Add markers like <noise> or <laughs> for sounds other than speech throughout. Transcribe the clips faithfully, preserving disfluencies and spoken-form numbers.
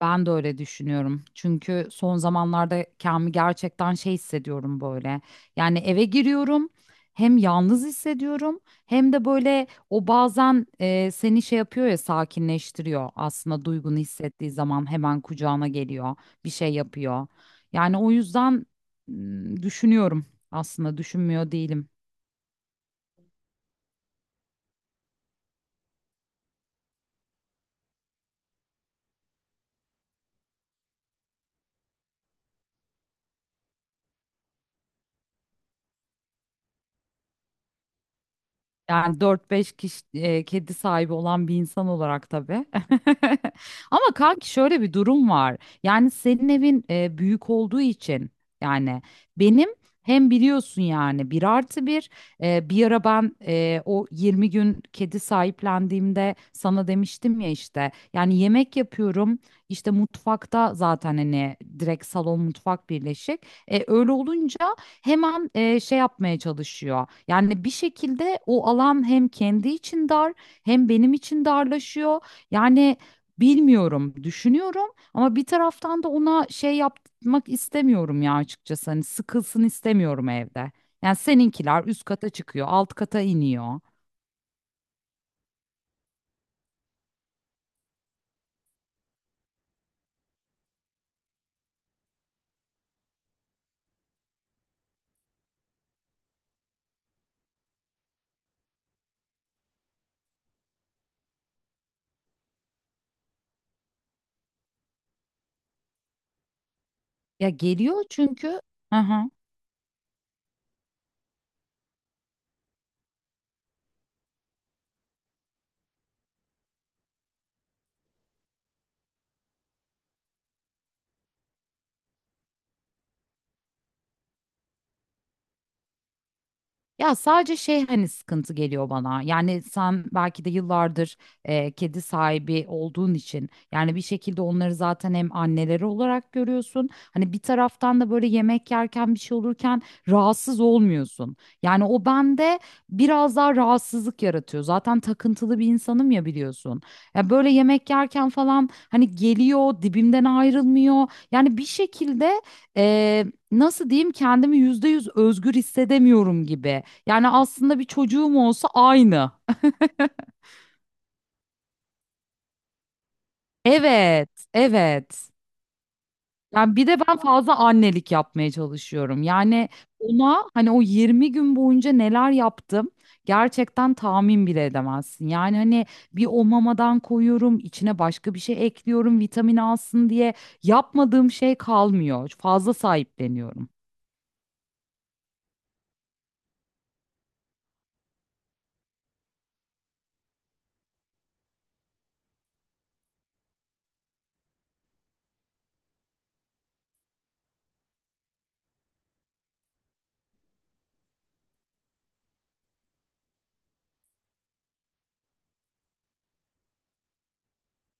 Ben de öyle düşünüyorum. Çünkü son zamanlarda kendimi gerçekten şey hissediyorum böyle. Yani eve giriyorum, hem yalnız hissediyorum, hem de böyle o bazen e, seni şey yapıyor ya sakinleştiriyor. Aslında duygunu hissettiği zaman hemen kucağına geliyor, bir şey yapıyor. Yani o yüzden m, düşünüyorum. Aslında düşünmüyor değilim. Yani dört beş kişi e, kedi sahibi olan bir insan olarak tabii. <laughs> Ama kanki şöyle bir durum var. Yani senin evin e, büyük olduğu için yani benim hem biliyorsun yani bir artı bir e, bir ara ben e, o yirmi gün kedi sahiplendiğimde sana demiştim ya işte yani yemek yapıyorum işte mutfakta zaten hani direkt salon mutfak birleşik. E, öyle olunca hemen e, şey yapmaya çalışıyor. Yani bir şekilde o alan hem kendi için dar hem benim için darlaşıyor. Yani bilmiyorum, düşünüyorum ama bir taraftan da ona şey yapmak istemiyorum ya açıkçası. Hani sıkılsın istemiyorum evde. Yani seninkiler üst kata çıkıyor, alt kata iniyor. Ya geliyor çünkü. Hı hı. Ya sadece şey hani sıkıntı geliyor bana. Yani sen belki de yıllardır e, kedi sahibi olduğun için yani bir şekilde onları zaten hem anneleri olarak görüyorsun. Hani bir taraftan da böyle yemek yerken bir şey olurken rahatsız olmuyorsun. Yani o bende biraz daha rahatsızlık yaratıyor. Zaten takıntılı bir insanım ya biliyorsun. Ya böyle yemek yerken falan hani geliyor dibimden ayrılmıyor. Yani bir şekilde e, nasıl diyeyim kendimi yüzde yüz özgür hissedemiyorum gibi. Yani aslında bir çocuğum olsa aynı. Evet, evet. Yani bir de ben fazla annelik yapmaya çalışıyorum. Yani ona hani o yirmi gün boyunca neler yaptım gerçekten tahmin bile edemezsin. Yani hani bir o mamadan koyuyorum, içine başka bir şey ekliyorum vitamin alsın diye yapmadığım şey kalmıyor. Fazla sahipleniyorum.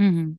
Hı hı.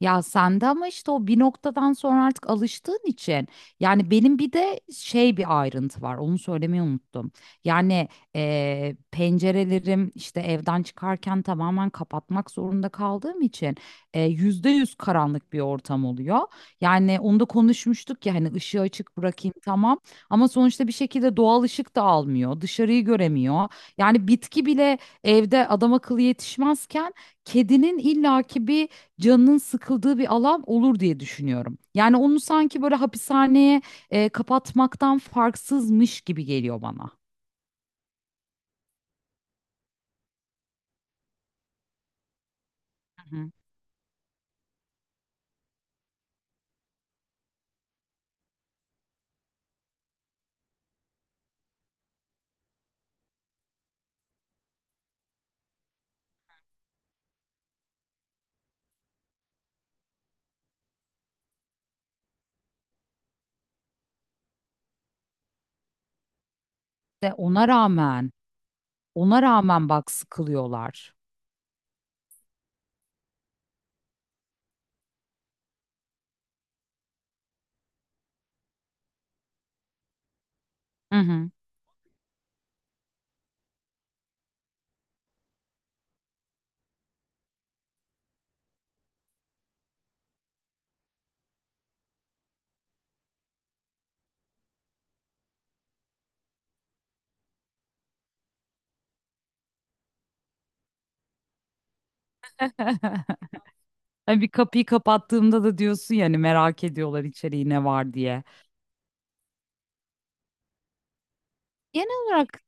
Ya sende ama işte o bir noktadan sonra artık alıştığın için yani benim bir de şey bir ayrıntı var onu söylemeyi unuttum. Yani eee, pencerelerim işte evden çıkarken tamamen kapatmak zorunda kaldığım için eee, yüzde yüz karanlık bir ortam oluyor. Yani onu da konuşmuştuk ya hani ışığı açık bırakayım tamam ama sonuçta bir şekilde doğal ışık da almıyor dışarıyı göremiyor. Yani bitki bile evde adam akıllı yetişmezken kedinin illaki bir canının sıkıldığı bir alan olur diye düşünüyorum. Yani onu sanki böyle hapishaneye e, kapatmaktan farksızmış gibi geliyor bana. Hı hı. De ona rağmen, ona rağmen bak sıkılıyorlar. Hı hı. <laughs> Hani bir kapıyı kapattığımda da diyorsun yani merak ediyorlar içeriği ne var diye. Genel olarak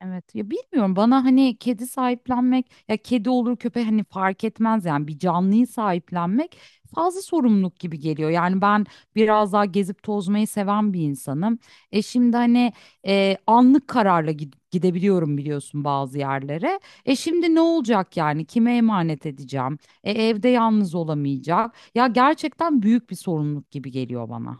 evet ya bilmiyorum bana hani kedi sahiplenmek ya kedi olur köpek hani fark etmez yani bir canlıyı sahiplenmek fazla sorumluluk gibi geliyor. Yani ben biraz daha gezip tozmayı seven bir insanım. E şimdi hani e, anlık kararla gid- gidebiliyorum biliyorsun bazı yerlere. E şimdi ne olacak yani kime emanet edeceğim? E evde yalnız olamayacak. Ya gerçekten büyük bir sorumluluk gibi geliyor bana.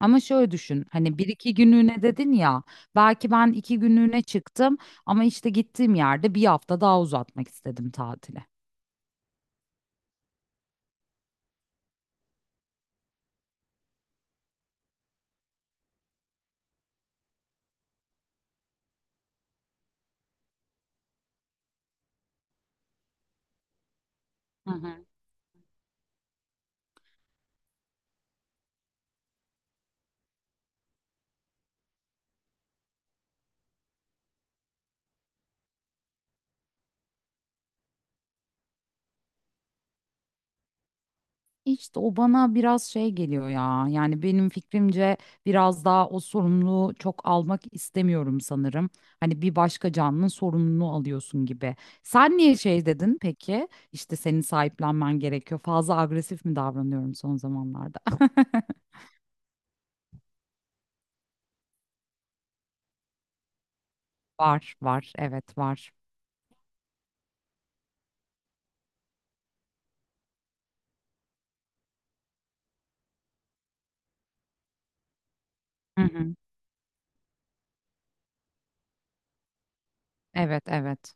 Ama şöyle düşün hani bir iki günlüğüne dedin ya belki ben iki günlüğüne çıktım ama işte gittiğim yerde bir hafta daha uzatmak istedim tatili. Hı hı. İşte o bana biraz şey geliyor ya. Yani benim fikrimce biraz daha o sorumluluğu çok almak istemiyorum sanırım. Hani bir başka canlının sorumluluğunu alıyorsun gibi. Sen niye şey dedin peki? İşte senin sahiplenmen gerekiyor. Fazla agresif mi davranıyorum son zamanlarda? <laughs> Var, var. Evet, var. Hı hı. Evet, evet.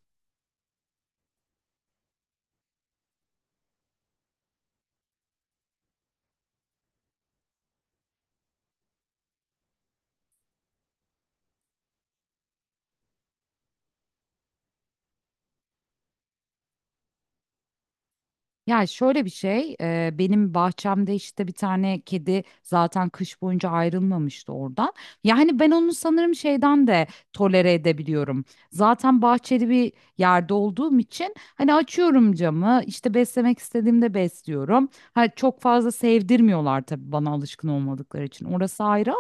Yani şöyle bir şey, e, benim bahçemde işte bir tane kedi zaten kış boyunca ayrılmamıştı oradan. Yani ben onu sanırım şeyden de tolere edebiliyorum. Zaten bahçeli bir yerde olduğum için hani açıyorum camı, işte beslemek istediğimde besliyorum. Ha, çok fazla sevdirmiyorlar tabii bana alışkın olmadıkları için. Orası ayrı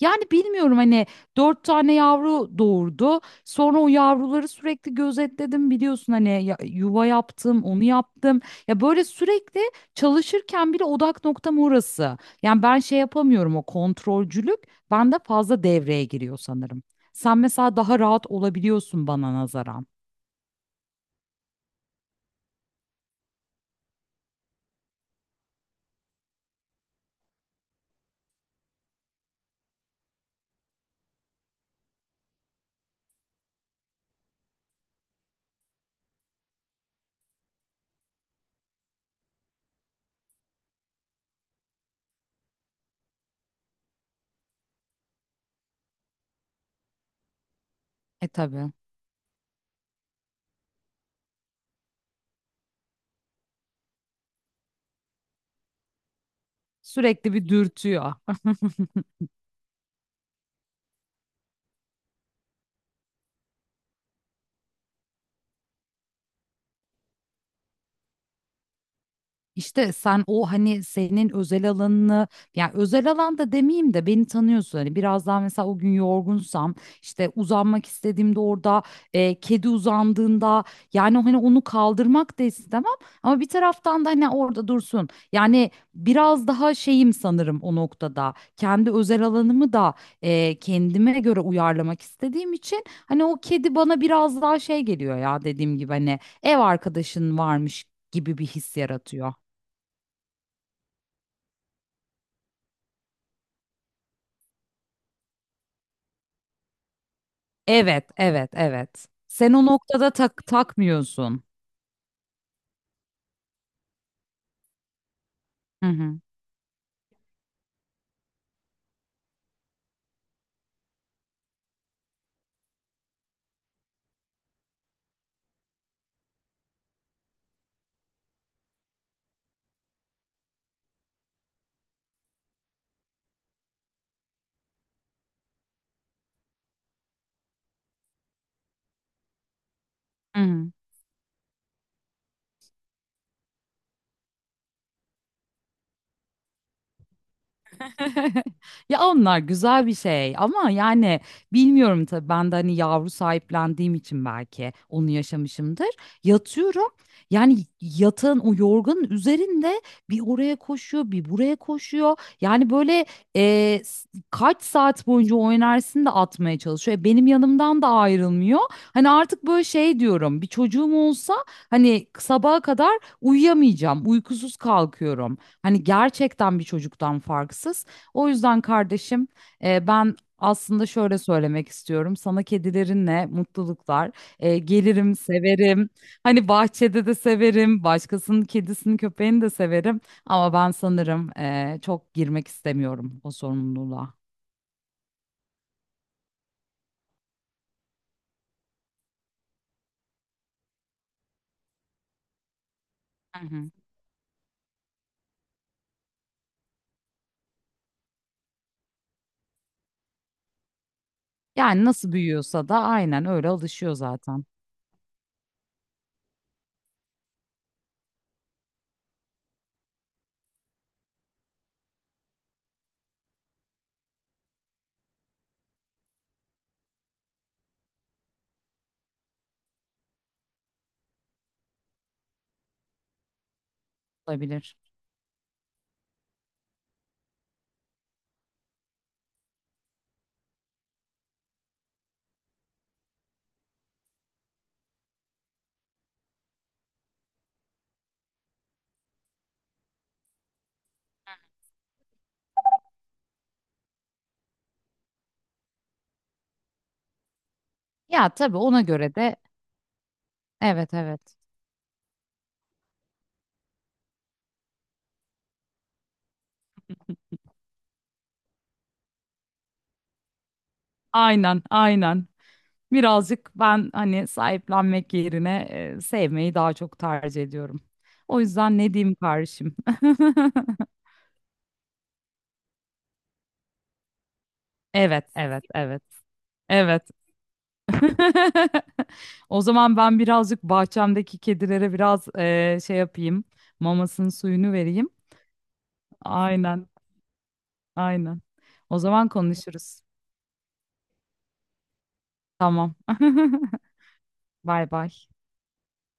yani bilmiyorum hani dört tane yavru doğurdu. Sonra o yavruları sürekli gözetledim biliyorsun hani ya- yuva yaptım, onu yaptım. Ya böyle sürekli çalışırken bile odak noktam orası. Yani ben şey yapamıyorum o kontrolcülük bende fazla devreye giriyor sanırım. Sen mesela daha rahat olabiliyorsun bana nazaran. E tabii. Sürekli bir dürtüyor. İşte sen o hani senin özel alanını yani özel alanda demeyeyim de beni tanıyorsun hani biraz daha mesela o gün yorgunsam işte uzanmak istediğimde orada e, kedi uzandığında yani hani onu kaldırmak da istemem ama bir taraftan da hani orada dursun yani biraz daha şeyim sanırım o noktada kendi özel alanımı da e, kendime göre uyarlamak istediğim için hani o kedi bana biraz daha şey geliyor ya dediğim gibi hani ev arkadaşın varmış gibi bir his yaratıyor. Evet, evet, evet. Sen o noktada tak takmıyorsun. Hı hı. Hı hı. <laughs> Ya onlar güzel bir şey ama yani bilmiyorum tabii ben de hani yavru sahiplendiğim için belki onu yaşamışımdır. Yatıyorum yani yatağın o yorganın üzerinde bir oraya koşuyor bir buraya koşuyor. Yani böyle e, s- kaç saat boyunca o enerjisini de atmaya çalışıyor. E, benim yanımdan da ayrılmıyor. Hani artık böyle şey diyorum bir çocuğum olsa hani sabaha kadar uyuyamayacağım uykusuz kalkıyorum. Hani gerçekten bir çocuktan farksız. O yüzden kardeşim e, ben aslında şöyle söylemek istiyorum. Sana kedilerinle mutluluklar. E, gelirim, severim. Hani bahçede de severim. Başkasının kedisini, köpeğini de severim. Ama ben sanırım e, çok girmek istemiyorum o sorumluluğa. Hı hı. Yani nasıl büyüyorsa da aynen öyle alışıyor zaten. Olabilir. Ya tabii ona göre de evet, evet. Aynen, aynen. Birazcık ben hani sahiplenmek yerine e, sevmeyi daha çok tercih ediyorum. O yüzden ne diyeyim kardeşim? <laughs> Evet, evet, evet. Evet. <laughs> O zaman ben birazcık bahçemdeki kedilere biraz e, şey yapayım. Mamasının suyunu vereyim. Aynen, aynen. O zaman konuşuruz. Tamam. <laughs> Bay bay.